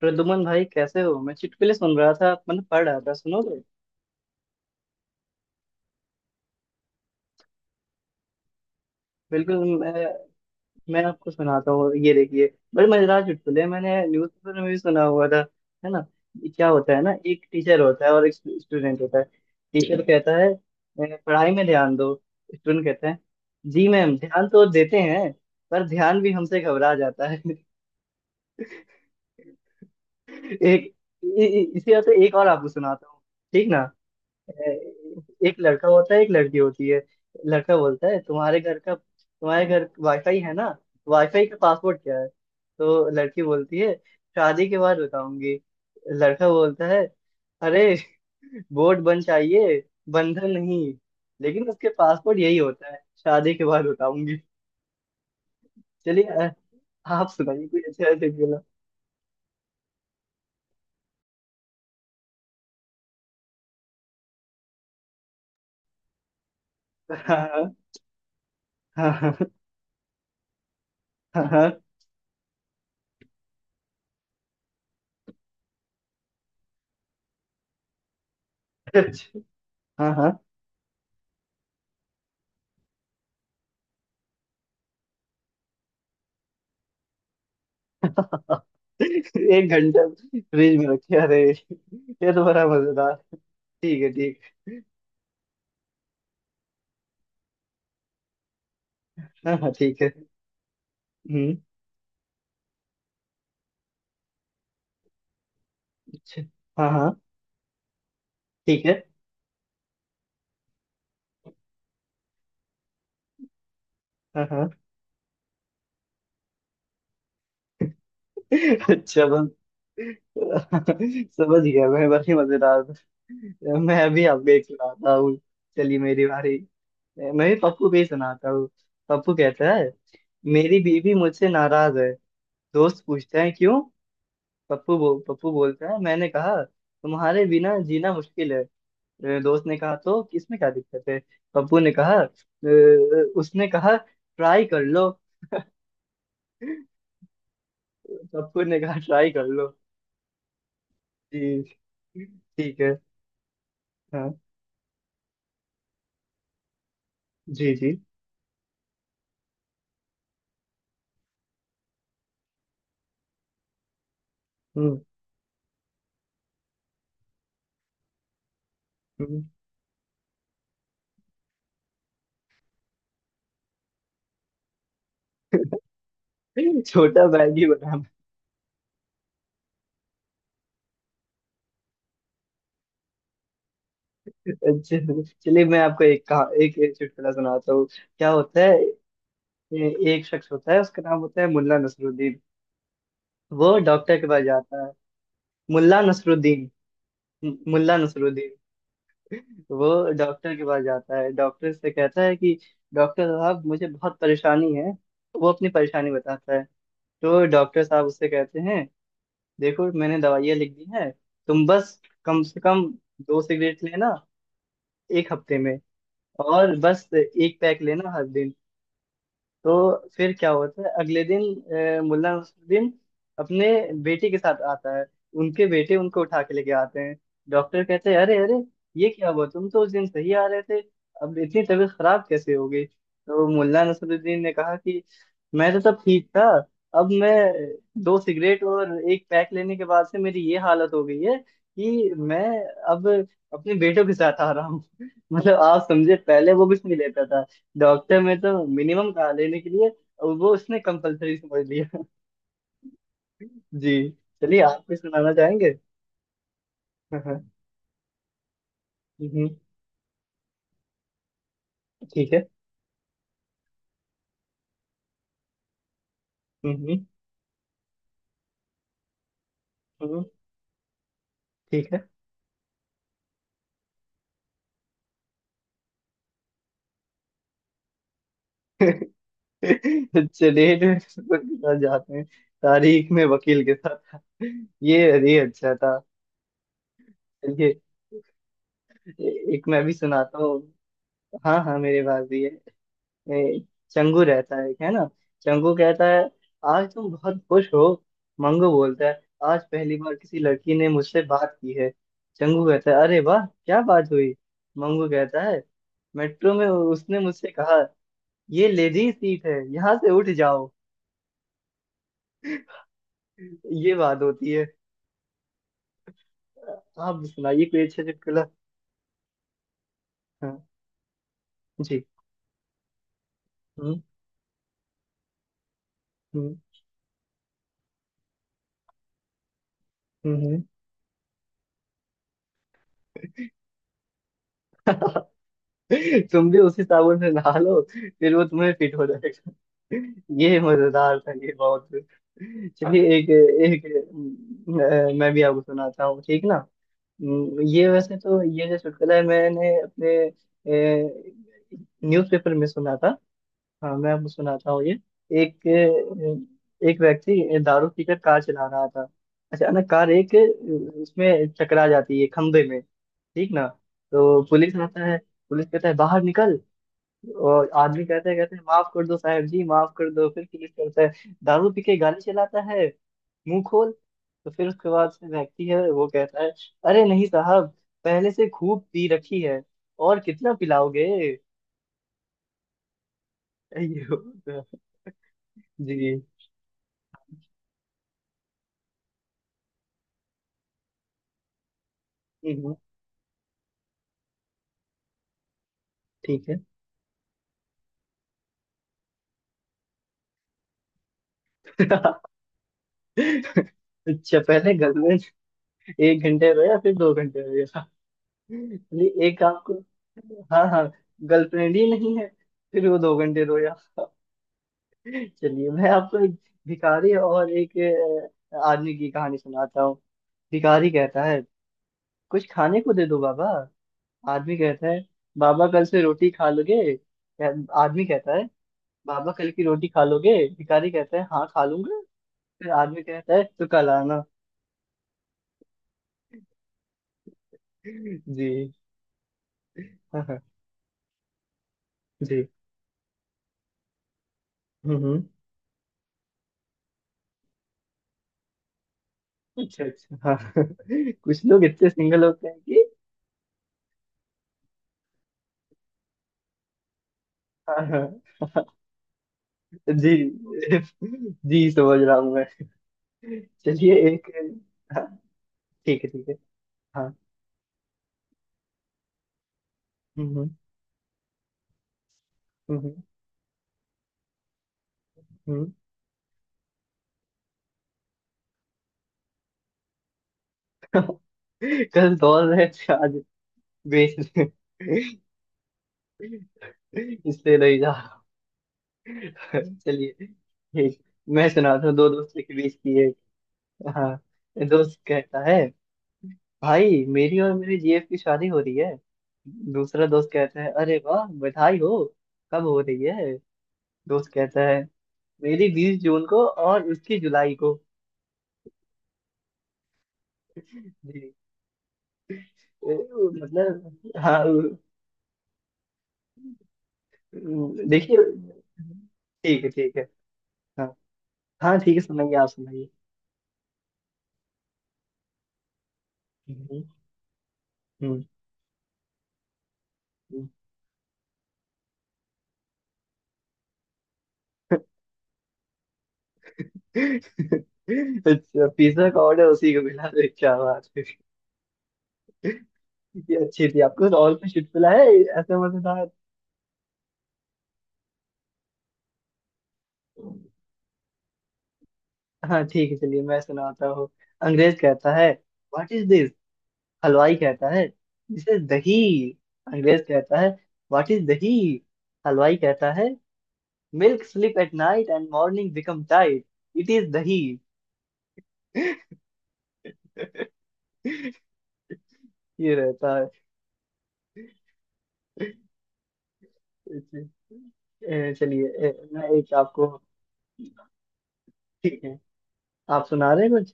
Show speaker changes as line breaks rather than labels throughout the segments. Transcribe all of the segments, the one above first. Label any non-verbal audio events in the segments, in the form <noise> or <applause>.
प्रदुमन भाई कैसे हो। मैं चुटकुले सुन रहा था, मतलब पढ़ रहा था। सुनोगे? बिल्कुल। मैं आपको सुनाता हूँ। ये देखिए, बड़े मजेदार चुटकुले हैं, मैंने न्यूज़पेपर में भी सुना हुआ था। है ना? ये क्या होता है ना, एक टीचर होता है और एक स्टूडेंट होता है। टीचर कहता है, "ए, पढ़ाई में ध्यान दो।" स्टूडेंट कहता है, "जी मैम, ध्यान तो देते हैं पर ध्यान भी हमसे घबरा जाता है।" <laughs> एक इसी तरह से एक और आपको सुनाता हूँ। ठीक ना? एक लड़का होता है, एक लड़की होती है। लड़का बोलता है, तुम्हारे घर वाईफाई है ना? वाईफाई का पासवर्ड क्या है? तो लड़की बोलती है, शादी के बाद बताऊंगी। लड़का बोलता है, अरे बोर्ड बन चाहिए, बंधन नहीं। लेकिन उसके पासपोर्ट यही होता है, शादी के बाद बताऊंगी। चलिए, आप सुनाइए कोई अच्छा ऐसे खेला। हाँ हाँ हाँ। हाँ हाँ हाँ। हाँ, एक घंटा फ्रिज में रखे, अरे ये तो बड़ा मजेदार। ठीक है, ठीक है, हाँ हाँ ठीक है। हम्म। अच्छा। हाँ हाँ ठीक है। हाँ हाँ। अच्छा बस, समझ गया मैं। बड़ी मजेदार था। मैं अभी आपको एक सुनाता हूँ। चलिए मेरी बारी। मैं भी पप्पू पे ही सुनाता हूँ। पप्पू कहता है, मेरी बीवी मुझसे नाराज है। दोस्त पूछते हैं क्यों? पप्पू बोलता है, मैंने कहा तुम्हारे बिना जीना मुश्किल है। दोस्त ने कहा तो कि इसमें क्या दिक्कत है? पप्पू ने कहा, उसने कहा ट्राई कर लो। पप्पू ने कहा ट्राई कर लो। जी। ठीक है। हाँ। जी जी। हम्म छोटा बैग ही बना। अच्छा। चलिए मैं आपको एक कहा एक चुटकुला सुनाता हूँ। क्या होता है, एक शख्स होता है, उसका नाम होता है मुल्ला नसरुद्दीन। वो डॉक्टर के पास जाता है। मुल्ला नसरुद्दीन। मुल्ला नसरुद्दीन। वो डॉक्टर के पास जाता है, डॉक्टर से कहता है कि डॉक्टर साहब मुझे बहुत परेशानी है। वो अपनी परेशानी बताता है। तो डॉक्टर साहब उससे कहते हैं, देखो मैंने दवाइयाँ लिख दी हैं। तुम बस कम से कम दो सिगरेट लेना एक हफ्ते में, और बस एक पैक लेना हर दिन। तो फिर क्या होता है, अगले दिन मुल्ला नसरुद्दीन अपने बेटे के साथ आता है। उनके बेटे उनको उठा के लेके आते हैं। डॉक्टर कहते हैं, अरे अरे ये क्या हुआ, तुम तो उस दिन सही आ रहे थे, अब इतनी तबीयत खराब कैसे हो गई? तो मुल्ला नसरुद्दीन ने कहा कि मैं तो तब ठीक था, अब मैं दो सिगरेट और एक पैक लेने के बाद से मेरी ये हालत हो गई है कि मैं अब अपने बेटों के साथ आ रहा हूँ। <laughs> मतलब आप समझे, पहले वो कुछ नहीं लेता था। डॉक्टर में तो मिनिमम कहा लेने के लिए और वो उसने कंपलसरी समझ लिया। जी। चलिए आप भी सुनाना चाहेंगे। हाँ, हाँ। हम्म, ठीक है। हम्म, हम्म, ठीक है। <laughs> चलिए, डॉक्टर के साथ जाते हैं, तारीख में वकील के साथ। ये अरे अच्छा था। चलिए एक मैं भी सुनाता हूँ। हाँ हाँ मेरे पास भी है। ए, चंगू रहता है ना? चंगू कहता है, आज तुम बहुत खुश हो। मंगू बोलता है, आज पहली बार किसी लड़की ने मुझसे बात की है। चंगू कहता है, अरे वाह, क्या बात हुई? मंगू कहता है, मेट्रो में उसने मुझसे कहा, ये लेडी सीट है, यहाँ से उठ जाओ। ये बात होती है। आप सुनाइए कोई अच्छा चुटकुला। हाँ। जी। हम्म हम्म। हम्म। <laughs> तुम भी उसी साबुन से नहा लो, फिर वो तुम्हें फिट हो जाएगा। <laughs> ये मजेदार था, ये बहुत। चलिए एक एक, मैं भी आपको सुनाता हूँ। ठीक ना? ये वैसे तो ये जो चुटकुला है मैंने अपने न्यूज़पेपर में सुना था। हाँ मैं आपको सुनाता हूँ ये। एक एक व्यक्ति दारू पीकर कार चला रहा था। अचानक कार एक उसमें टकरा जाती है खंभे में, ठीक ना? तो पुलिस आता है। पुलिस कहता है, बाहर निकल। और आदमी कहते हैं, कहते हैं, माफ कर दो साहब जी, माफ कर दो। फिर पुलिस करता है, दारू पी के गाड़ी चलाता है, मुंह खोल। तो फिर उसके बाद से व्यक्ति है वो कहता है, अरे नहीं साहब, पहले से खूब पी रखी है, और कितना पिलाओगे? अय्यो। जी। हम्म, ठीक है। <laughs> अच्छा, पहले घर में एक घंटे रोया, फिर दो घंटे रोया। ये एक आपको, हाँ हाँ गर्लफ्रेंड ही नहीं है, फिर वो दो घंटे रोया। चलिए मैं आपको एक भिखारी और एक आदमी की कहानी सुनाता हूँ। भिखारी कहता है, कुछ खाने को दे दो बाबा। आदमी कहता है, बाबा कल से रोटी खा लोगे या- आदमी कहता है, बाबा कल की रोटी खा लोगे? भिखारी कहता है, हाँ खा लूंगा। फिर आदमी कहता है, तो कल आना। जी। <laughs> हाँ। जी। हम्म। अच्छा अच्छा। <laughs> हाँ कुछ लोग इतने सिंगल होते हैं कि <laughs> हाँ हाँ। जी। <laughs> जी समझ रहा हूँ मैं। चलिए एक, ठीक है ठीक है। हाँ। हम्म हम्म। हम्म। <laughs> कल दौड़ रहे थे, आज बेच रहे हैं। <laughs> इसलिए नहीं जा रहा। <laughs> चलिए ठीक, मैं सुनाता हूँ दो दोस्तों के बीच की एक। हाँ दोस्त कहता है, भाई मेरी और मेरे जीएफ की शादी हो रही है। दूसरा दोस्त कहता है, अरे वाह बधाई हो, कब हो रही है? दोस्त कहता है, मेरी बीस जून को और उसकी जुलाई को। जी। अ, मतलब हाँ। देखिए। ठीक है ठीक है। हाँ, हाँ ठीक है, सुनाइए, आप सुनाइए। हम्म, हम्म, हम्म। <laughs> अच्छा, पिज्जा का ऑर्डर उसी को मिला तो क्या बात है? ये अच्छी थी। आपको तो और कुछ चुटकुला है ऐसे मजेदार? हाँ ठीक है, चलिए मैं सुनाता हूँ। अंग्रेज कहता है, व्हाट इज दिस? हलवाई कहता है, दिस इज दही। अंग्रेज कहता है, व्हाट इज दही? हलवाई कहता है, milk sleep at night and morning become tight, it is दही। <laughs> ये रहता है। जी। चलिए मैं एक आपको ठीक है आप सुना रहे हैं कुछ।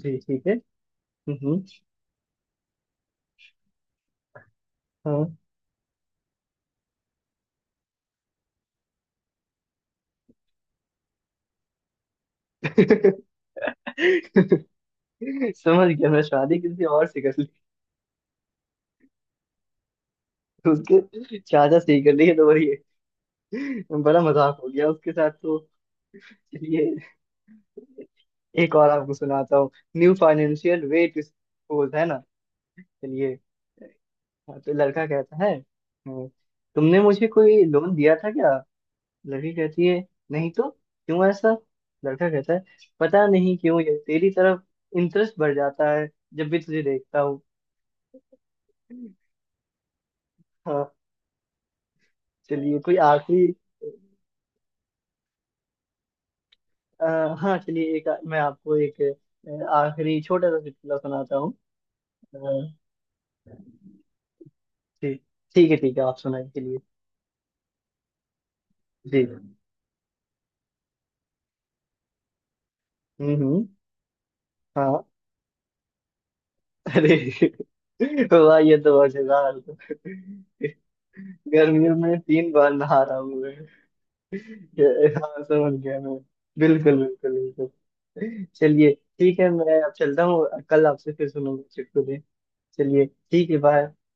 जी ठीक है। हम्म। हाँ। <laughs> समझ गया मैं, शादी किसी और से कर ली। उसके चाचा से ही कर ली है तो वही है। बड़ा मजाक हो गया उसके साथ तो। चलिए एक और आपको सुनाता हूँ। New financial way to suppose है ना। चलिए। हाँ, तो लड़का कहता है, तुमने मुझे कोई लोन दिया था क्या?" लड़की कहती है, नहीं तो, क्यों ऐसा? लड़का कहता है, पता नहीं क्यों ये तेरी तरफ इंटरेस्ट बढ़ जाता है जब भी तुझे देखता हूँ। हाँ। चलिए कोई आखिरी, हाँ चलिए एक मैं आपको एक आखिरी छोटा सा चुटकुला सुनाता हूँ। अ, ठीक ठीक है ठीक है, आप सुनाइए के लिए। जी। हम्म। हाँ। अरे <laughs> वाह ये तो मजेदार। गर्मियों में तीन बार नहा रहा हूँ। ये- हाँ समझ गया मैं। बिल्कुल बिल्कुल बिल्कुल। चलिए ठीक है, मैं अब चलता हूँ, कल आपसे फिर सुनूंगा चुटकुले। चलिए ठीक है, बाय।